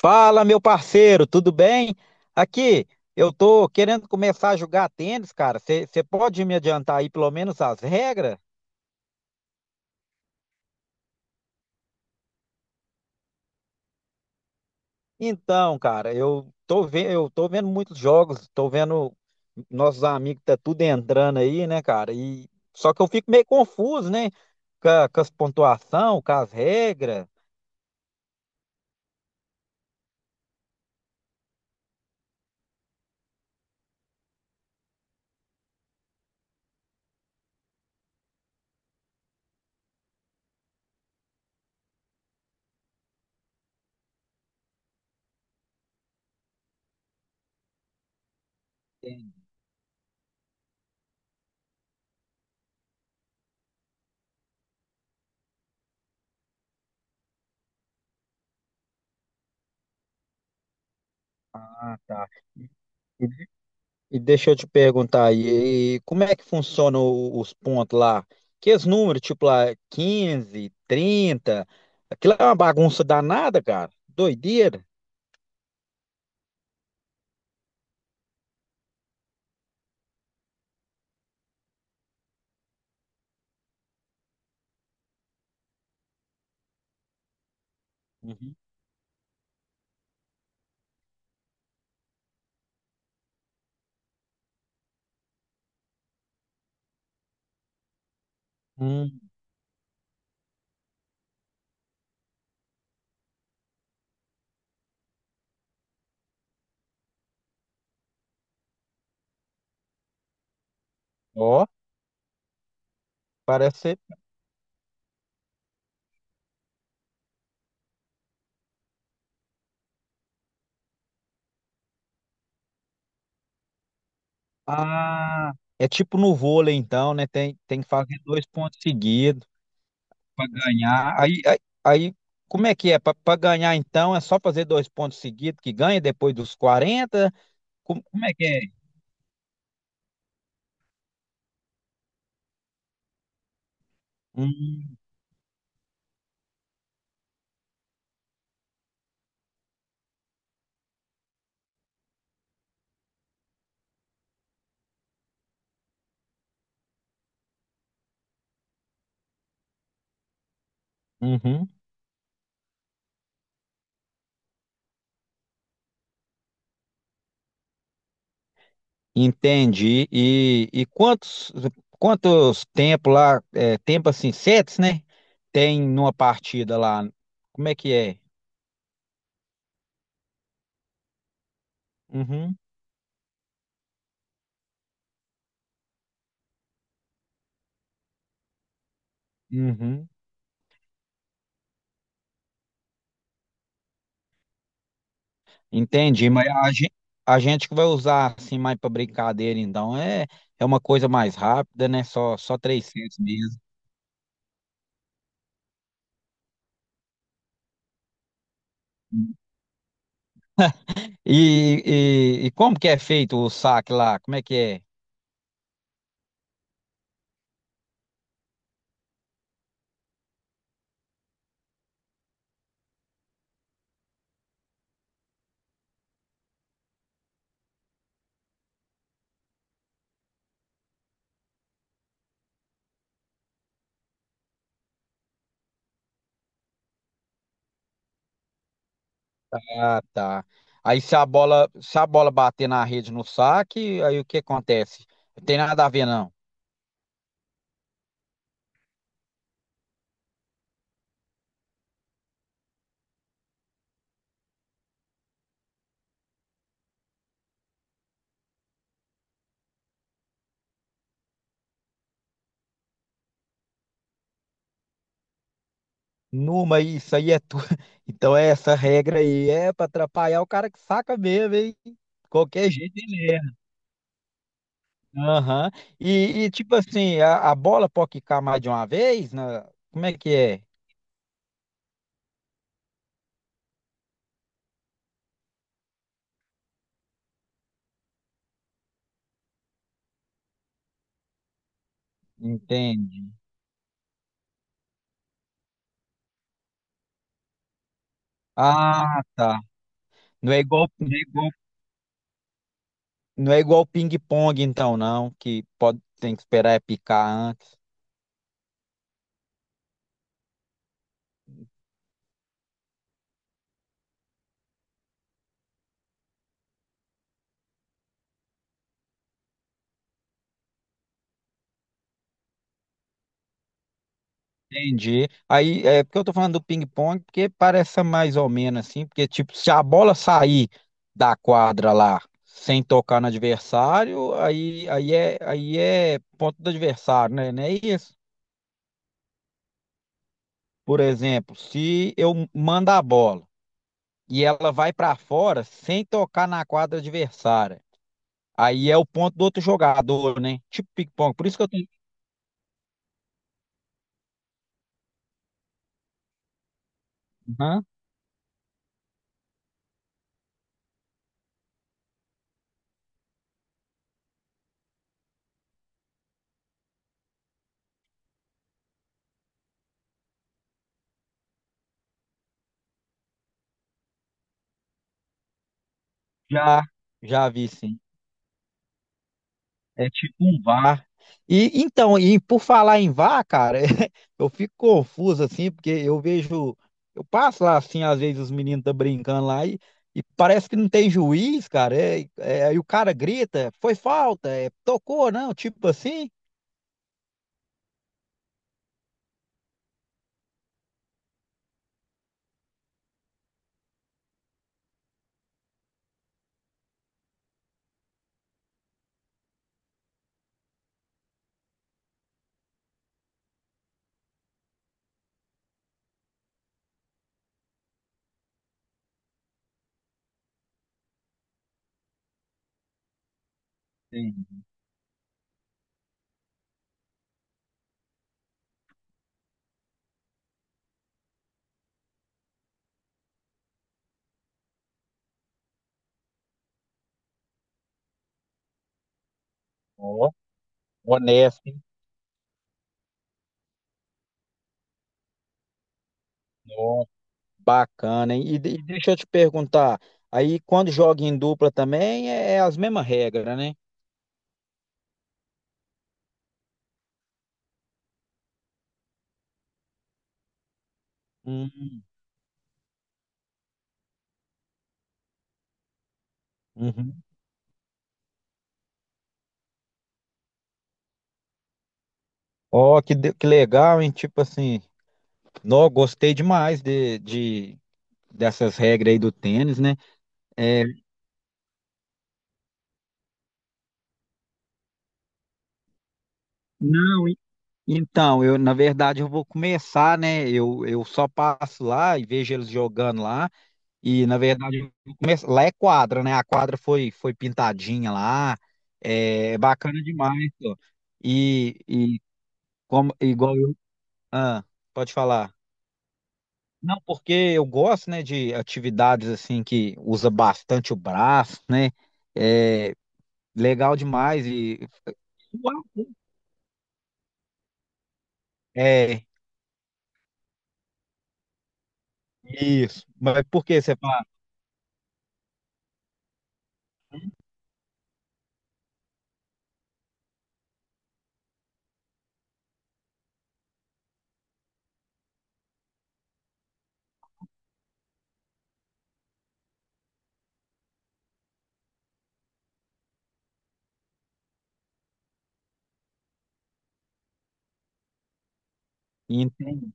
Fala, meu parceiro, tudo bem? Aqui, eu tô querendo começar a jogar tênis, cara. Você pode me adiantar aí pelo menos as regras? Então, cara, eu tô vendo muitos jogos, tô vendo nossos amigos tá tudo entrando aí, né, cara? E só que eu fico meio confuso, né, com as pontuação, com as regras. Ah, tá. E deixa eu te perguntar aí, e como é que funcionam os pontos lá? Que os números, tipo lá, 15 trinta, aquilo é uma bagunça danada, cara. Doideira. Uhum. Hum, ó, parece ser. Ah, é tipo no vôlei, então, né? Tem que fazer dois pontos seguidos para ganhar. Aí, como é que é? Para ganhar, então, é só fazer dois pontos seguidos que ganha depois dos quarenta. Como é que é? Hum, uhum. Entendi. E quantos tempo lá, é, tempo assim, sets, né? Tem numa partida lá. Como é que é? Uhum, uhum. Entendi, mas a gente que vai usar assim mais para brincadeira, então é uma coisa mais rápida, né? Só três sets mesmo. E, e como que é feito o saque lá? Como é que é? Ah, tá. Aí se a bola bater na rede no saque, aí o que acontece? Não tem nada a ver, não. Numa, isso aí é tudo. Então, essa regra aí é para atrapalhar o cara que saca mesmo, hein? Qualquer jeito ele erra. Aham. E, tipo assim, a bola pode quicar mais de uma vez? Né? Como é que é? Entende? Ah, tá. Não é igual, não é igual, não é igual ping-pong, então, não, que pode, tem que esperar é picar antes. Entendi. Aí, é porque eu tô falando do ping-pong, porque parece mais ou menos assim, porque tipo, se a bola sair da quadra lá sem tocar no adversário, aí é ponto do adversário, né? Não é isso? Por exemplo, se eu mando a bola e ela vai pra fora sem tocar na quadra adversária, aí é o ponto do outro jogador, né? Tipo ping-pong. Por isso que eu tenho. Aham, já, já vi, sim. É tipo um VAR. E então, e por falar em VAR, cara, eu fico confuso assim, porque eu vejo, eu passo lá assim, às vezes os meninos estão brincando lá e parece que não tem juiz, cara. É, é, aí o cara grita, foi falta, é, tocou, não, tipo assim. Sim. Ó, honesto, hein? Ó, bacana, hein? E, e deixa eu te perguntar, aí quando joga em dupla também é, é as mesmas regras, né? Hum, uhum. Ó, que, que legal, hein? Tipo assim. Não, gostei demais dessas regras aí do tênis, né? É, não, então, eu na verdade eu vou começar, né? Eu só passo lá e vejo eles jogando lá e na verdade eu vou lá é quadra, né? A quadra foi pintadinha lá, é, é bacana demais, ó. E como igual eu, ah, pode falar. Não, porque eu gosto, né, de atividades assim que usa bastante o braço, né? É, legal demais e Uau. É, isso. Mas por que você fala? Entendi.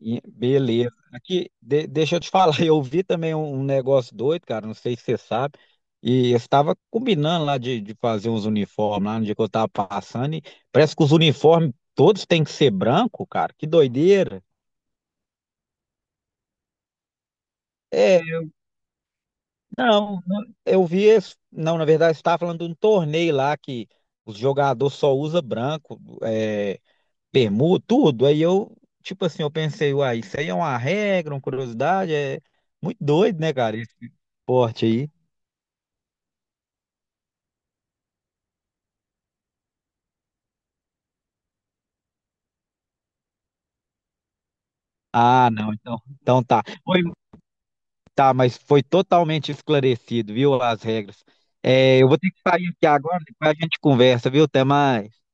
E- beleza. Aqui, deixa eu te falar, eu vi também um negócio doido, cara, não sei se você sabe. E eu estava combinando lá de fazer uns uniformes lá no dia que eu estava passando. E parece que os uniformes todos têm que ser branco, cara. Que doideira. É, não, eu vi esse. Não, na verdade, você estava falando de um torneio lá que os jogadores só usam branco. É, permuta, tudo. Aí eu, tipo assim, eu pensei, uai, isso aí é uma regra, uma curiosidade, é muito doido, né, cara, esse esporte aí. Ah, não, então tá. Foi, tá, mas foi totalmente esclarecido, viu, as regras. É, eu vou ter que sair aqui agora, depois a gente conversa, viu? Até mais.